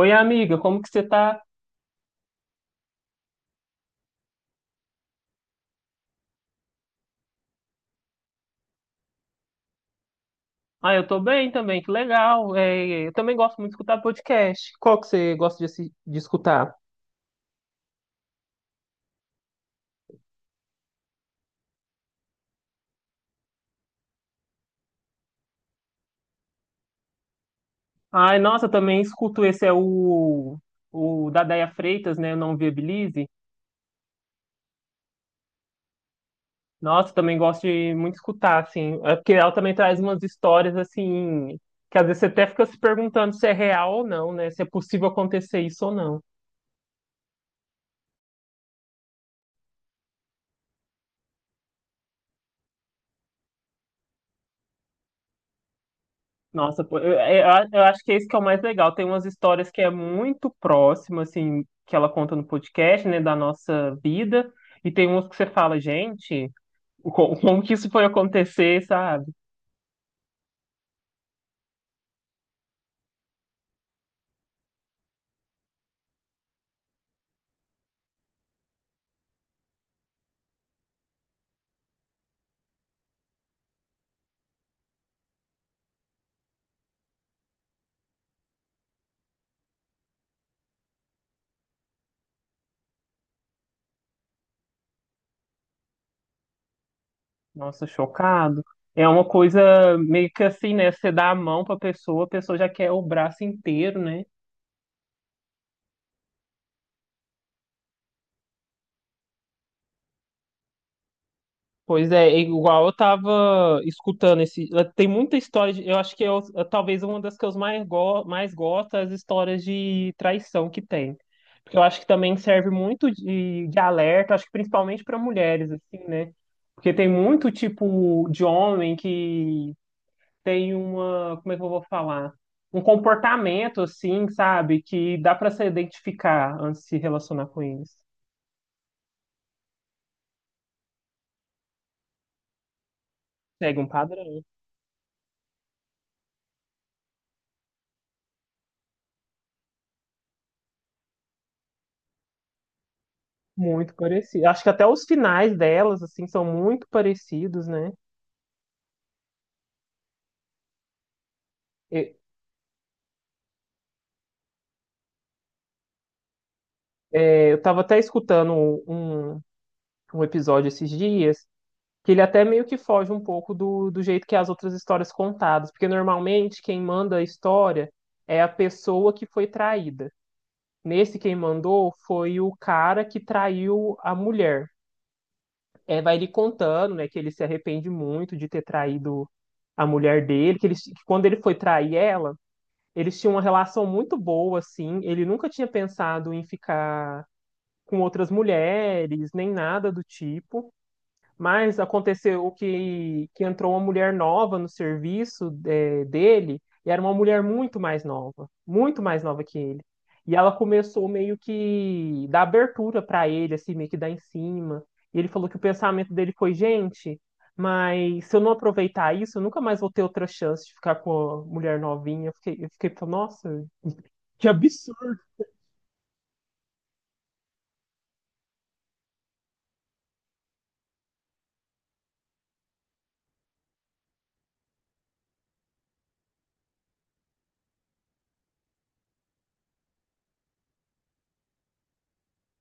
Oi, amiga, como que você tá? Ah, eu tô bem também, que legal. É, eu também gosto muito de escutar podcast. Qual que você gosta de, de escutar? Ai, nossa, eu também escuto. Esse é o da Déia Freitas, né? Não Viabilize. Nossa, também gosto de muito escutar, assim. É porque ela também traz umas histórias, assim, que às vezes você até fica se perguntando se é real ou não, né? Se é possível acontecer isso ou não. Nossa, pô, eu acho que é isso que é o mais legal. Tem umas histórias que é muito próximo, assim, que ela conta no podcast, né, da nossa vida, e tem umas que você fala, gente, como que isso foi acontecer, sabe? Nossa, chocado. É uma coisa meio que assim, né, você dá a mão pra pessoa, a pessoa já quer o braço inteiro, né? Pois é, é igual eu tava escutando esse. Tem muita história de. Eu acho que talvez uma das que eu mais gosto é as histórias de traição que tem. Porque eu acho que também serve muito de alerta, acho que principalmente para mulheres, assim, né? Porque tem muito tipo de homem que tem uma. Como é que eu vou falar? Um comportamento, assim, sabe? Que dá para se identificar antes de se relacionar com eles. Segue um padrão. Muito parecido. Acho que até os finais delas, assim, são muito parecidos, né? E- eu tava até escutando um, um episódio esses dias, que ele até meio que foge um pouco do jeito que as outras histórias contadas, porque normalmente quem manda a história é a pessoa que foi traída. Nesse quem mandou foi o cara que traiu a mulher. É, vai ele contando, né, que ele se arrepende muito de ter traído a mulher dele, que ele, que quando ele foi trair ela. Eles tinham uma relação muito boa, assim. Ele nunca tinha pensado em ficar com outras mulheres, nem nada do tipo. Mas aconteceu que entrou uma mulher nova no serviço dele, e era uma mulher muito mais nova que ele. E ela começou meio que dar abertura para ele, assim, meio que dar em cima. E ele falou que o pensamento dele foi, gente, mas se eu não aproveitar isso, eu nunca mais vou ter outra chance de ficar com a mulher novinha. Eu fiquei falando, nossa, que absurdo.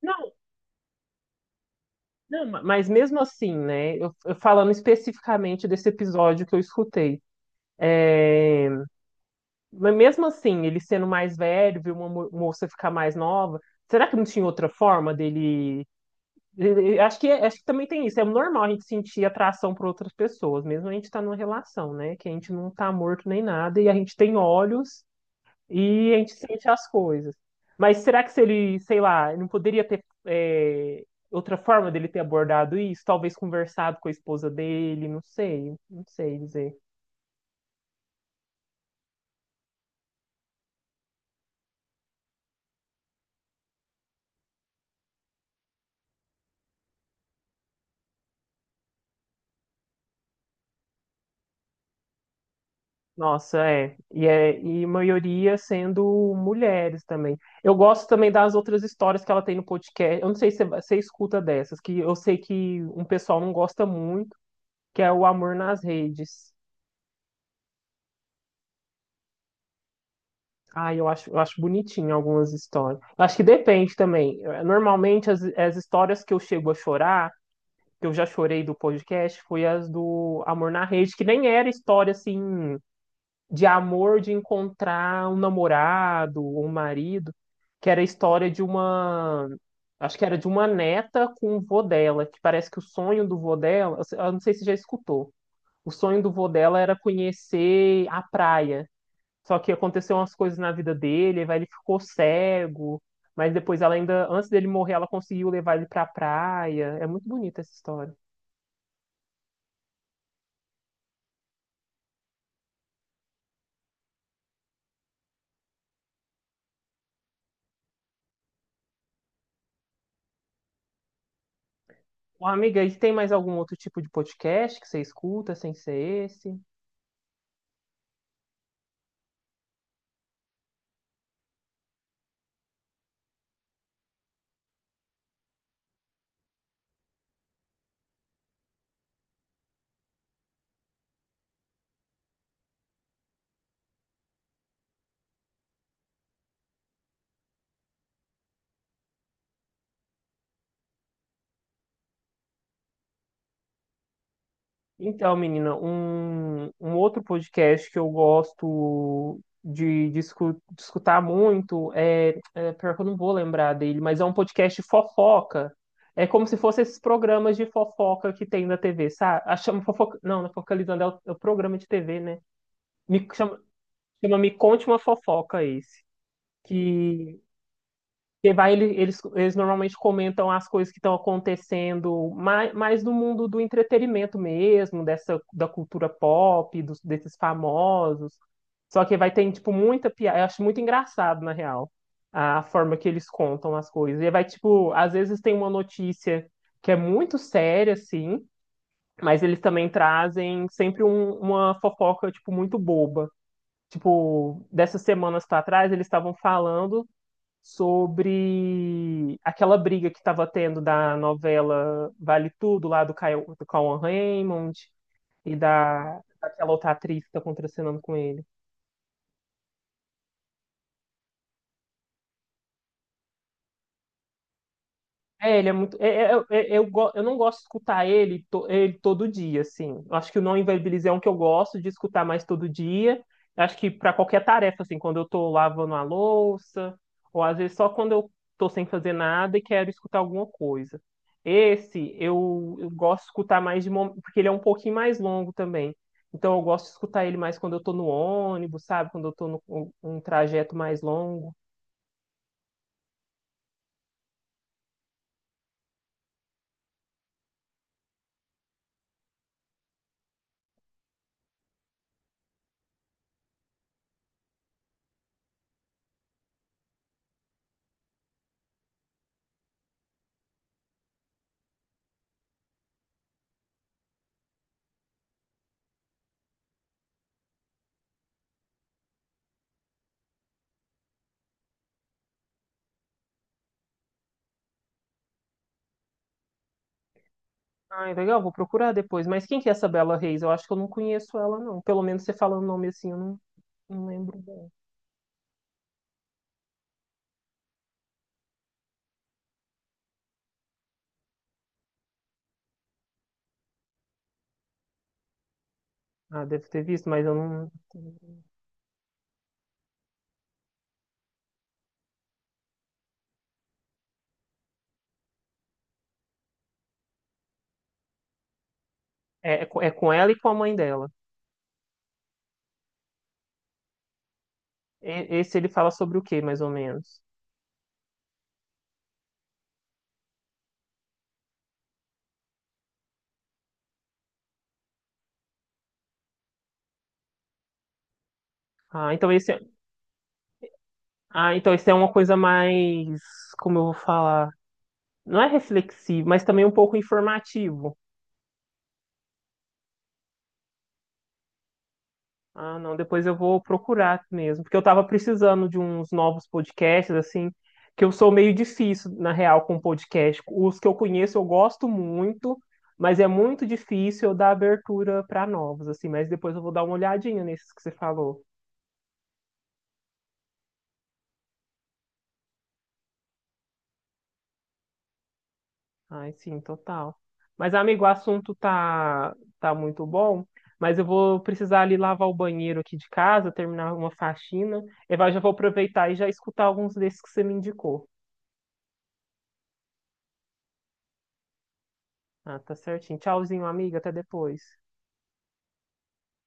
Não, não, mas mesmo assim, né? Eu falando especificamente desse episódio que eu escutei. é, mas mesmo assim, ele sendo mais velho, viu uma moça ficar mais nova, será que não tinha outra forma dele? Acho que, acho que também tem isso. É normal a gente sentir atração por outras pessoas, mesmo a gente tá numa relação, né? Que a gente não tá morto nem nada e a gente tem olhos. E a gente sente as coisas. Mas será que se ele, sei lá, não poderia ter outra forma dele ter abordado isso? Talvez conversado com a esposa dele, não sei, não sei dizer. Nossa, é. E maioria sendo mulheres também. Eu gosto também das outras histórias que ela tem no podcast. Eu não sei se você escuta dessas, que eu sei que um pessoal não gosta muito, que é o Amor nas Redes. Ah, eu acho bonitinho algumas histórias. Acho que depende também. Normalmente, as histórias que eu chego a chorar, que eu já chorei do podcast, foi as do Amor na Rede, que nem era história, assim, de amor de encontrar um namorado ou um marido, que era a história de uma... Acho que era de uma neta com o vô dela, que parece que o sonho do vô dela... Eu não sei se você já escutou. O sonho do vô dela era conhecer a praia. Só que aconteceu umas coisas na vida dele, aí ele ficou cego, mas depois ela ainda, antes dele morrer, ela conseguiu levar ele pra praia. É muito bonita essa história. Ô, amiga, e tem mais algum outro tipo de podcast que você escuta sem ser esse? Então, menina, um outro podcast que eu gosto de escutar muito Pior que eu não vou lembrar dele, mas é um podcast de fofoca. É como se fosse esses programas de fofoca que tem na TV, sabe? Ah, chama fofoca. Não, não é focalizando, é é o programa de TV, né? Me, chama, Chama Me Conte uma Fofoca esse. Que Porque vai, eles normalmente comentam as coisas que estão acontecendo mais no mundo do entretenimento mesmo, dessa da cultura pop, desses famosos. Só que vai ter, tipo, muita piada. Eu acho muito engraçado, na real, a forma que eles contam as coisas. E vai, tipo, às vezes tem uma notícia que é muito séria, assim, mas eles também trazem sempre uma fofoca, tipo, muito boba. Tipo, dessas semanas para trás, eles estavam falando sobre aquela briga que estava tendo da novela Vale Tudo, lá do, Caio, do Cauan Raymond, e daquela outra atriz que está contracenando com ele. É, ele é muito. Eu não gosto de escutar ele, ele todo dia, assim. Eu acho que o Não Inviabilize é um que eu gosto de escutar mais todo dia. Eu acho que para qualquer tarefa, assim, quando eu tô lavando a louça, ou às vezes só quando eu tô sem fazer nada e quero escutar alguma coisa. Eu gosto de escutar mais de momento, porque ele é um pouquinho mais longo também. Então eu gosto de escutar ele mais quando eu tô no ônibus, sabe? Quando eu tô no um trajeto mais longo. Ai, legal, vou procurar depois. Mas quem que é essa Bela Reis? Eu acho que eu não conheço ela, não. Pelo menos você falando o nome assim, eu não, não lembro dela. Ah, deve ter visto, mas eu não. É com ela e com a mãe dela. Esse ele fala sobre o quê, mais ou menos? Ah, então esse, é- ah, então esse é uma coisa mais, como eu vou falar, não é reflexivo, mas também um pouco informativo. Ah, não, depois eu vou procurar mesmo, porque eu tava precisando de uns novos podcasts, assim, que eu sou meio difícil, na real, com podcast. Os que eu conheço eu gosto muito, mas é muito difícil eu dar abertura para novos, assim, mas depois eu vou dar uma olhadinha nesses que você falou. Ai, sim, total. Mas, amigo, o assunto tá muito bom, mas eu vou precisar ali lavar o banheiro aqui de casa, terminar uma faxina, e vai, já vou aproveitar e já escutar alguns desses que você me indicou. Ah, tá certinho. Tchauzinho, amiga. Até depois.